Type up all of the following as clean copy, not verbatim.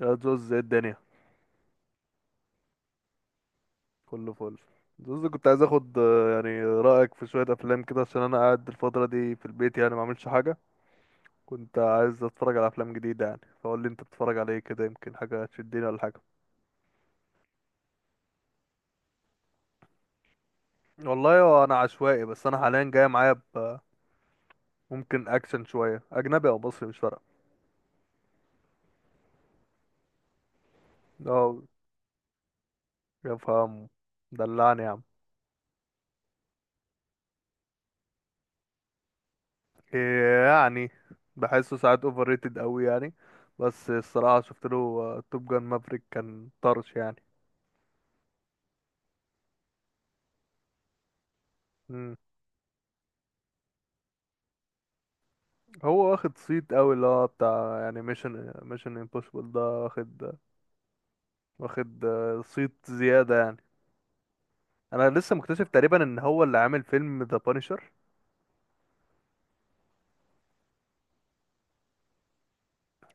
يا زوز، ايه الدنيا؟ كله فل. زوز كنت عايز اخد يعني رأيك في شوية افلام كده، عشان انا قاعد الفترة دي في البيت يعني ما عملش حاجة. كنت عايز اتفرج على افلام جديدة يعني، فقول لي انت بتتفرج على ايه كده، يمكن حاجة تشدني ولا حاجة. والله هو انا عشوائي، بس انا حاليا جاي معايا ب ممكن اكشن شوية، اجنبي او مصري مش فارقة. اه، يا فهم، دلعني يا عم. إيه يعني؟ بحسه ساعات اوفر ريتد قوي يعني. بس الصراحة شفت له توب جان مافريك، كان طرش يعني. هو واخد صيت قوي، اللي هو بتاع يعني ميشن امبوسيبل ده، واخد صيت زيادة يعني. انا لسه مكتشف تقريبا ان هو اللي عامل فيلم ذا بانشر.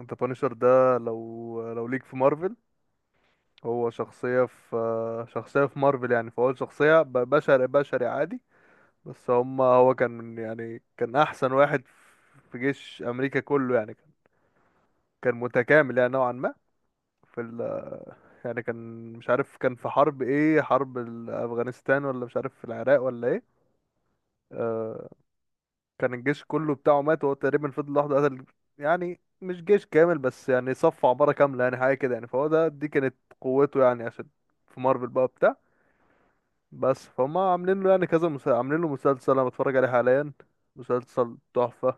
ذا بانشر ده لو ليك في مارفل. هو شخصية في مارفل يعني، فهو شخصية بشري عادي. بس هو كان يعني كان احسن واحد في جيش امريكا كله يعني. كان، كان متكامل يعني نوعا ما. في ال يعني كان، مش عارف كان في حرب ايه، حرب افغانستان ولا مش عارف في العراق ولا ايه. آه. كان الجيش كله بتاعه مات، وهو تقريبا فضل لوحده قتل. يعني مش جيش كامل، بس يعني صف عبارة كاملة، يعني حاجة كده يعني. فهو ده دي كانت قوته يعني، عشان في مارفل بقى بتاع. بس فهم عاملين له يعني كذا مسلسل، عاملين له مسلسل انا بتفرج عليه حاليا. مسلسل تحفة.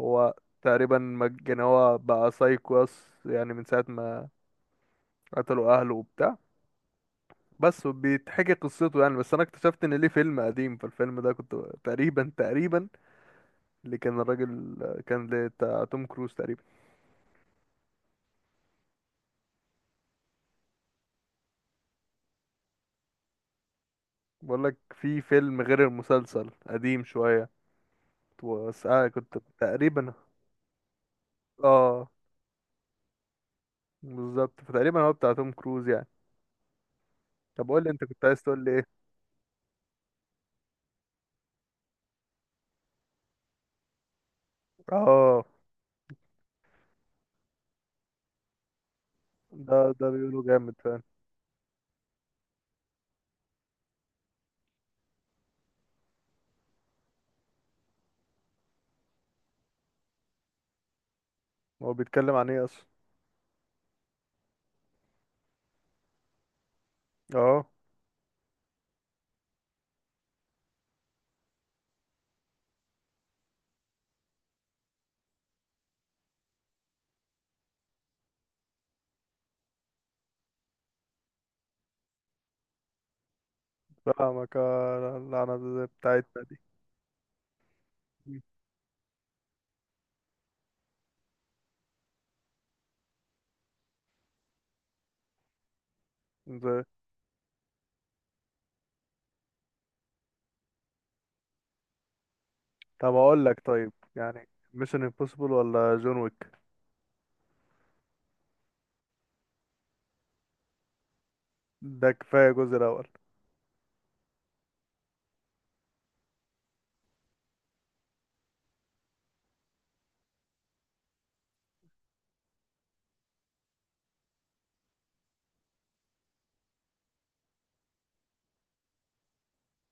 هو تقريبا يعني هو بقى سايكواس يعني من ساعة ما قتلوا اهله وبتاع. بس وبيتحكي قصته يعني. بس انا اكتشفت ان ليه فيلم قديم، فالفيلم ده كنت تقريبا اللي كان الراجل، كان ده بتاع توم كروز تقريبا. بقول لك، في فيلم غير المسلسل، قديم شوية. بس كنت تقريبا. اه، بالظبط، فتقريبا هو بتاع توم كروز يعني. طب قول لي انت كنت عايز تقول لي ايه. اه. ده بيقولوا جامد فعلا. هو بيتكلم عن ايه اصلا؟ اه، فاهمك. اللعنة بتاعتنا دي. طب اقول لك، طيب يعني ميشن امبوسيبل ولا جون ويك؟ ده كفايه الجزء الاول.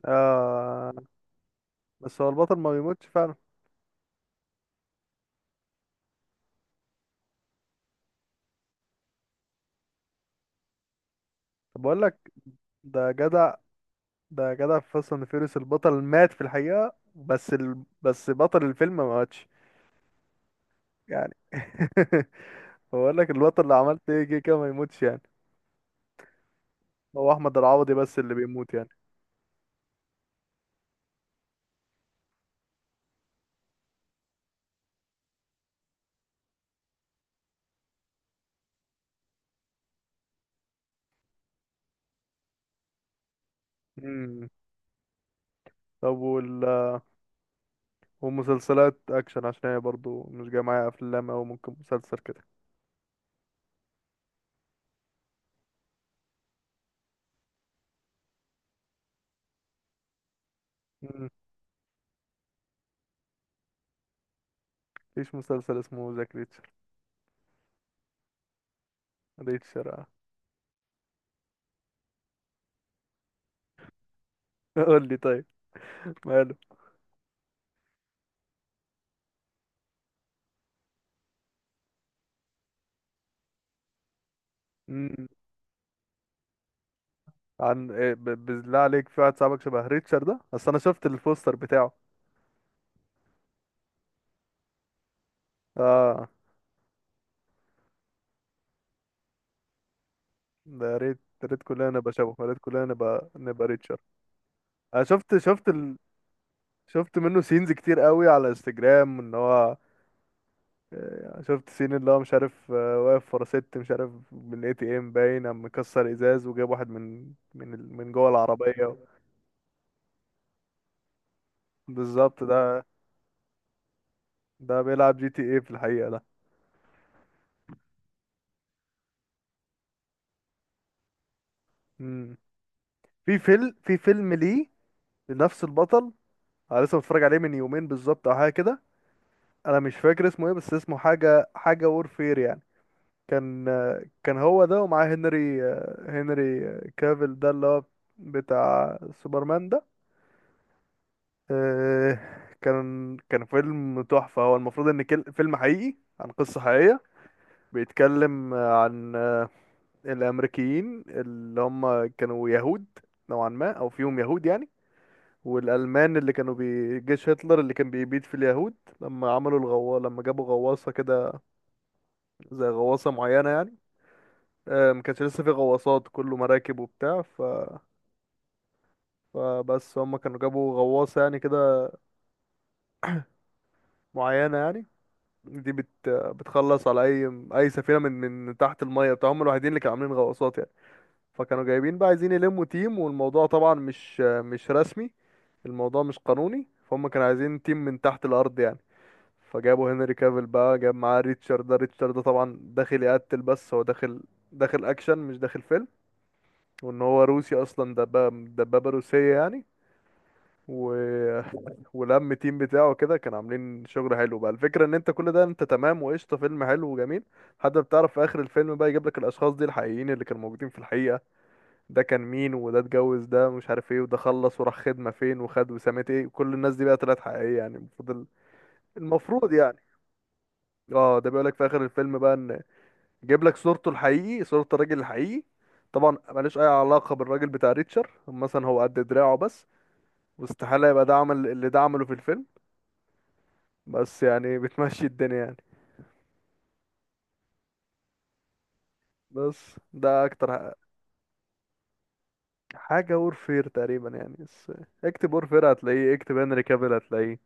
آه. بس هو البطل ما بيموتش فعلا. طب اقول لك، ده جدع. في فاست اند فيوريوس البطل مات في الحقيقه، بس ال... بس بطل الفيلم ما ماتش يعني. بقول لك البطل اللي عملت ايه كده كده ما يموتش يعني. هو احمد العوضي بس اللي بيموت يعني. امم طب وال ومسلسلات اكشن، عشان هي برضو مش جايه معايا افلام، او ممكن مسلسل كده. مم. مفيش مسلسل اسمه ذا. ريتشر، اه. قول لي طيب، ماله. امم عن إيه؟ بالله عليك، في واحد صاحبك شبه ريتشر ده؟ اصل انا شفت البوستر بتاعه. اه. ده يا ريت، يا ريت كلنا نبقى شبه، يا ريت كلنا نبقى ريتشر. انا شفت منه سينز كتير قوي على انستجرام، ان هو شفت سين اللي هو مش عارف، واقف ورا ست مش عارف من اي تي ام باين، قام مكسر ازاز وجاب واحد من جوه العربيه. بالظبط ده. ده بيلعب جي تي اي في الحقيقه. ده في فيلم، ليه لنفس البطل. انا لسه متفرج عليه من يومين بالظبط او حاجه كده. انا مش فاكر اسمه ايه، بس اسمه حاجه حاجه وورفير يعني. كان كان هو ده ومعاه هنري كافيل ده اللي هو بتاع سوبرمان ده. آه، كان فيلم تحفه. هو المفروض ان فيلم حقيقي عن قصه حقيقيه. بيتكلم عن الامريكيين اللي هم كانوا يهود نوعا ما، او فيهم يهود يعني، والألمان اللي كانوا جيش هتلر اللي كان بيبيد في اليهود. لما عملوا الغوا، لما جابوا غواصة كده، زي غواصة معينة يعني. ما كانش لسه في غواصات، كله مراكب وبتاع ف... فبس هم كانوا جابوا غواصة يعني كده، معينة يعني. دي بتخلص على أي أي سفينة من تحت المية بتاع، هم الوحيدين اللي كانوا عاملين غواصات يعني. فكانوا جايبين بقى، عايزين يلموا تيم، والموضوع طبعا مش رسمي. الموضوع مش قانوني، فهم كانوا عايزين تيم من تحت الأرض يعني. فجابوا هنري كافيل بقى، جاب معاه ريتشارد ده، ريتشارد ده طبعا داخل يقتل، بس هو داخل، داخل اكشن مش داخل فيلم. وان هو روسي اصلا، دبابة روسية يعني. و... ولم تيم بتاعه كده، كان عاملين شغل حلو بقى. الفكرة ان انت كل ده انت تمام وقشطة، فيلم حلو وجميل. حتى بتعرف في اخر الفيلم بقى يجيب لك الاشخاص دي الحقيقيين اللي كانوا موجودين في الحقيقة. ده كان مين، وده اتجوز، ده مش عارف ايه، وده خلص وراح خدمة فين وخد وسامة ايه. كل الناس دي بقى طلعت حقيقية يعني المفروض. المفروض يعني. اه، ده بيقولك في اخر الفيلم بقى ان جايب لك صورته الحقيقي، صورة الراجل الحقيقي. طبعا ملوش اي علاقة بالراجل بتاع ريتشر مثلا، هو قد دراعه بس. واستحالة يبقى ده عمل اللي ده عمله في الفيلم. بس يعني بتمشي الدنيا يعني. بس ده اكتر حاجة وورفير تقريبا يعني. بس اكتب وورفير هتلاقيه، اكتب هنري كافيل هتلاقيه.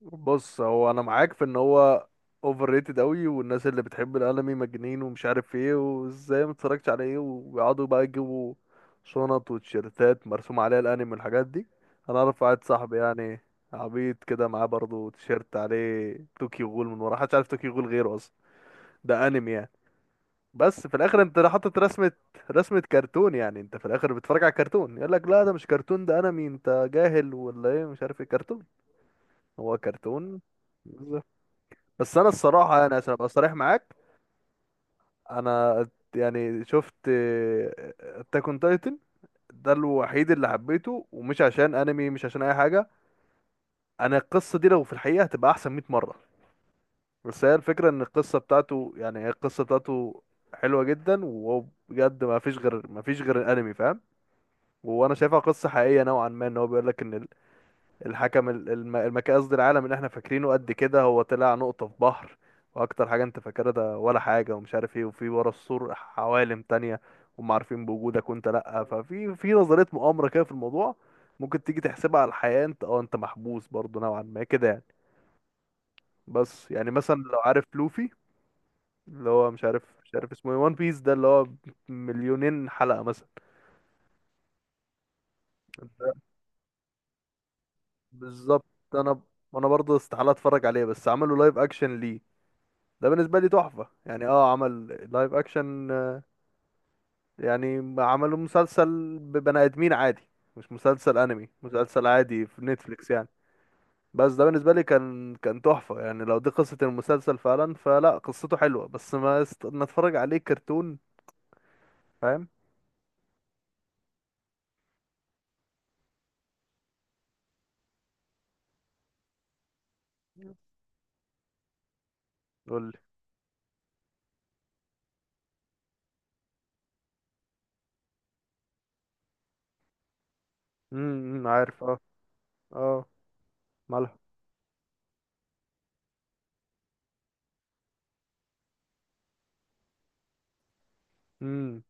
بص هو انا معاك في ان هو اوفر ريتد قوي، والناس اللي بتحب الانمي مجانين ومش عارف ايه، وازاي ما اتفرجتش على ايه، ويقعدوا بقى يجيبوا شنط وتيشيرتات مرسوم عليها الانمي والحاجات دي. انا اعرف واحد صاحبي يعني عبيط كده، معاه برضه تيشيرت عليه توكيو غول، من ورا محدش عارف توكيو غول غيره اصلا. ده انمي يعني، بس في الاخر انت حاطط رسمة، رسمة كرتون يعني. انت في الاخر بتتفرج على كرتون، يقول لك لا ده مش كرتون، ده انمي، انت جاهل ولا ايه مش عارف ايه. كرتون هو كرتون. بس انا الصراحه يعني عشان ابقى صريح معاك، انا يعني شفت اتاك اون تايتن، ده الوحيد اللي حبيته، ومش عشان انمي مش عشان اي حاجه. انا القصه دي لو في الحقيقه هتبقى احسن 100 مره. بس هي الفكره ان القصه بتاعته يعني هي القصه بتاعته حلوه جدا. وهو بجد ما فيش غير الانمي فاهم. وانا شايفها قصه حقيقيه نوعا ما، ان هو بيقول لك ان الحكم المكان، قصدي العالم اللي احنا فاكرينه قد كده هو طلع نقطة في بحر. واكتر حاجة انت فاكرها ده ولا حاجة ومش عارف ايه، وفي ورا السور عوالم تانية، هم عارفين بوجودك وانت لأ. ففي نظرية مؤامرة كده في الموضوع. ممكن تيجي تحسبها على الحياة، انت انت محبوس برضه نوعا ما كده يعني. بس يعني مثلا لو عارف لوفي، اللي هو مش عارف اسمه ايه، وان بيس ده اللي هو مليونين حلقة مثلا. ده بالظبط. انا انا برضه استحالة اتفرج عليه. بس عملوا لايف اكشن ليه، ده بالنسبة لي تحفة يعني. اه، عمل لايف اكشن، يعني عملوا مسلسل ببني ادمين عادي، مش مسلسل انمي، مسلسل عادي في نتفليكس يعني. بس ده بالنسبة لي كان تحفة يعني، لو دي قصة المسلسل فعلا فلا، قصته حلوة. بس ما اتفرج عليه كرتون، فاهم. قول لي. امم، عارف، اه. اه، مالها. امم.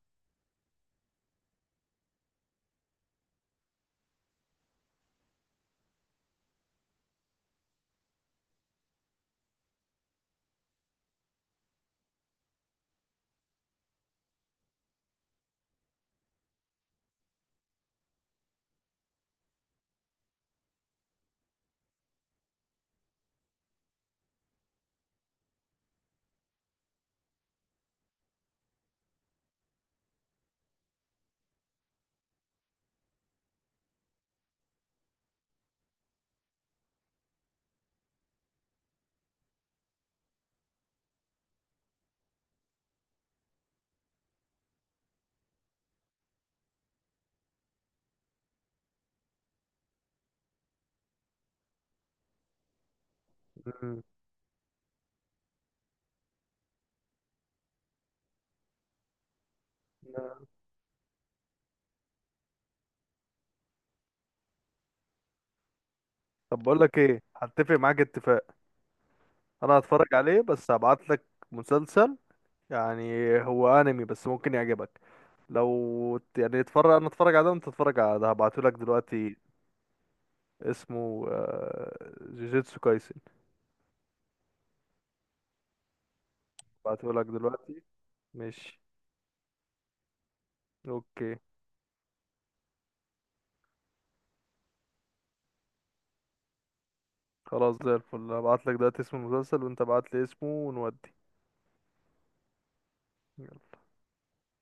أمم. طب بقول لك ايه، هتفق معاك اتفاق، انا هتفرج عليه بس هبعت لك مسلسل يعني، هو انمي بس ممكن يعجبك. لو يعني اتفرج، انا اتفرج على ده، وانت تتفرج على ده. هبعتهولك دلوقتي. اسمه جوجيتسو كايسن. هبعتهولك دلوقتي. ماشي. اوكي. خلاص زي الفل، هبعتلك دلوقتي اسم المسلسل، وانت ابعتلي اسمه ونودي.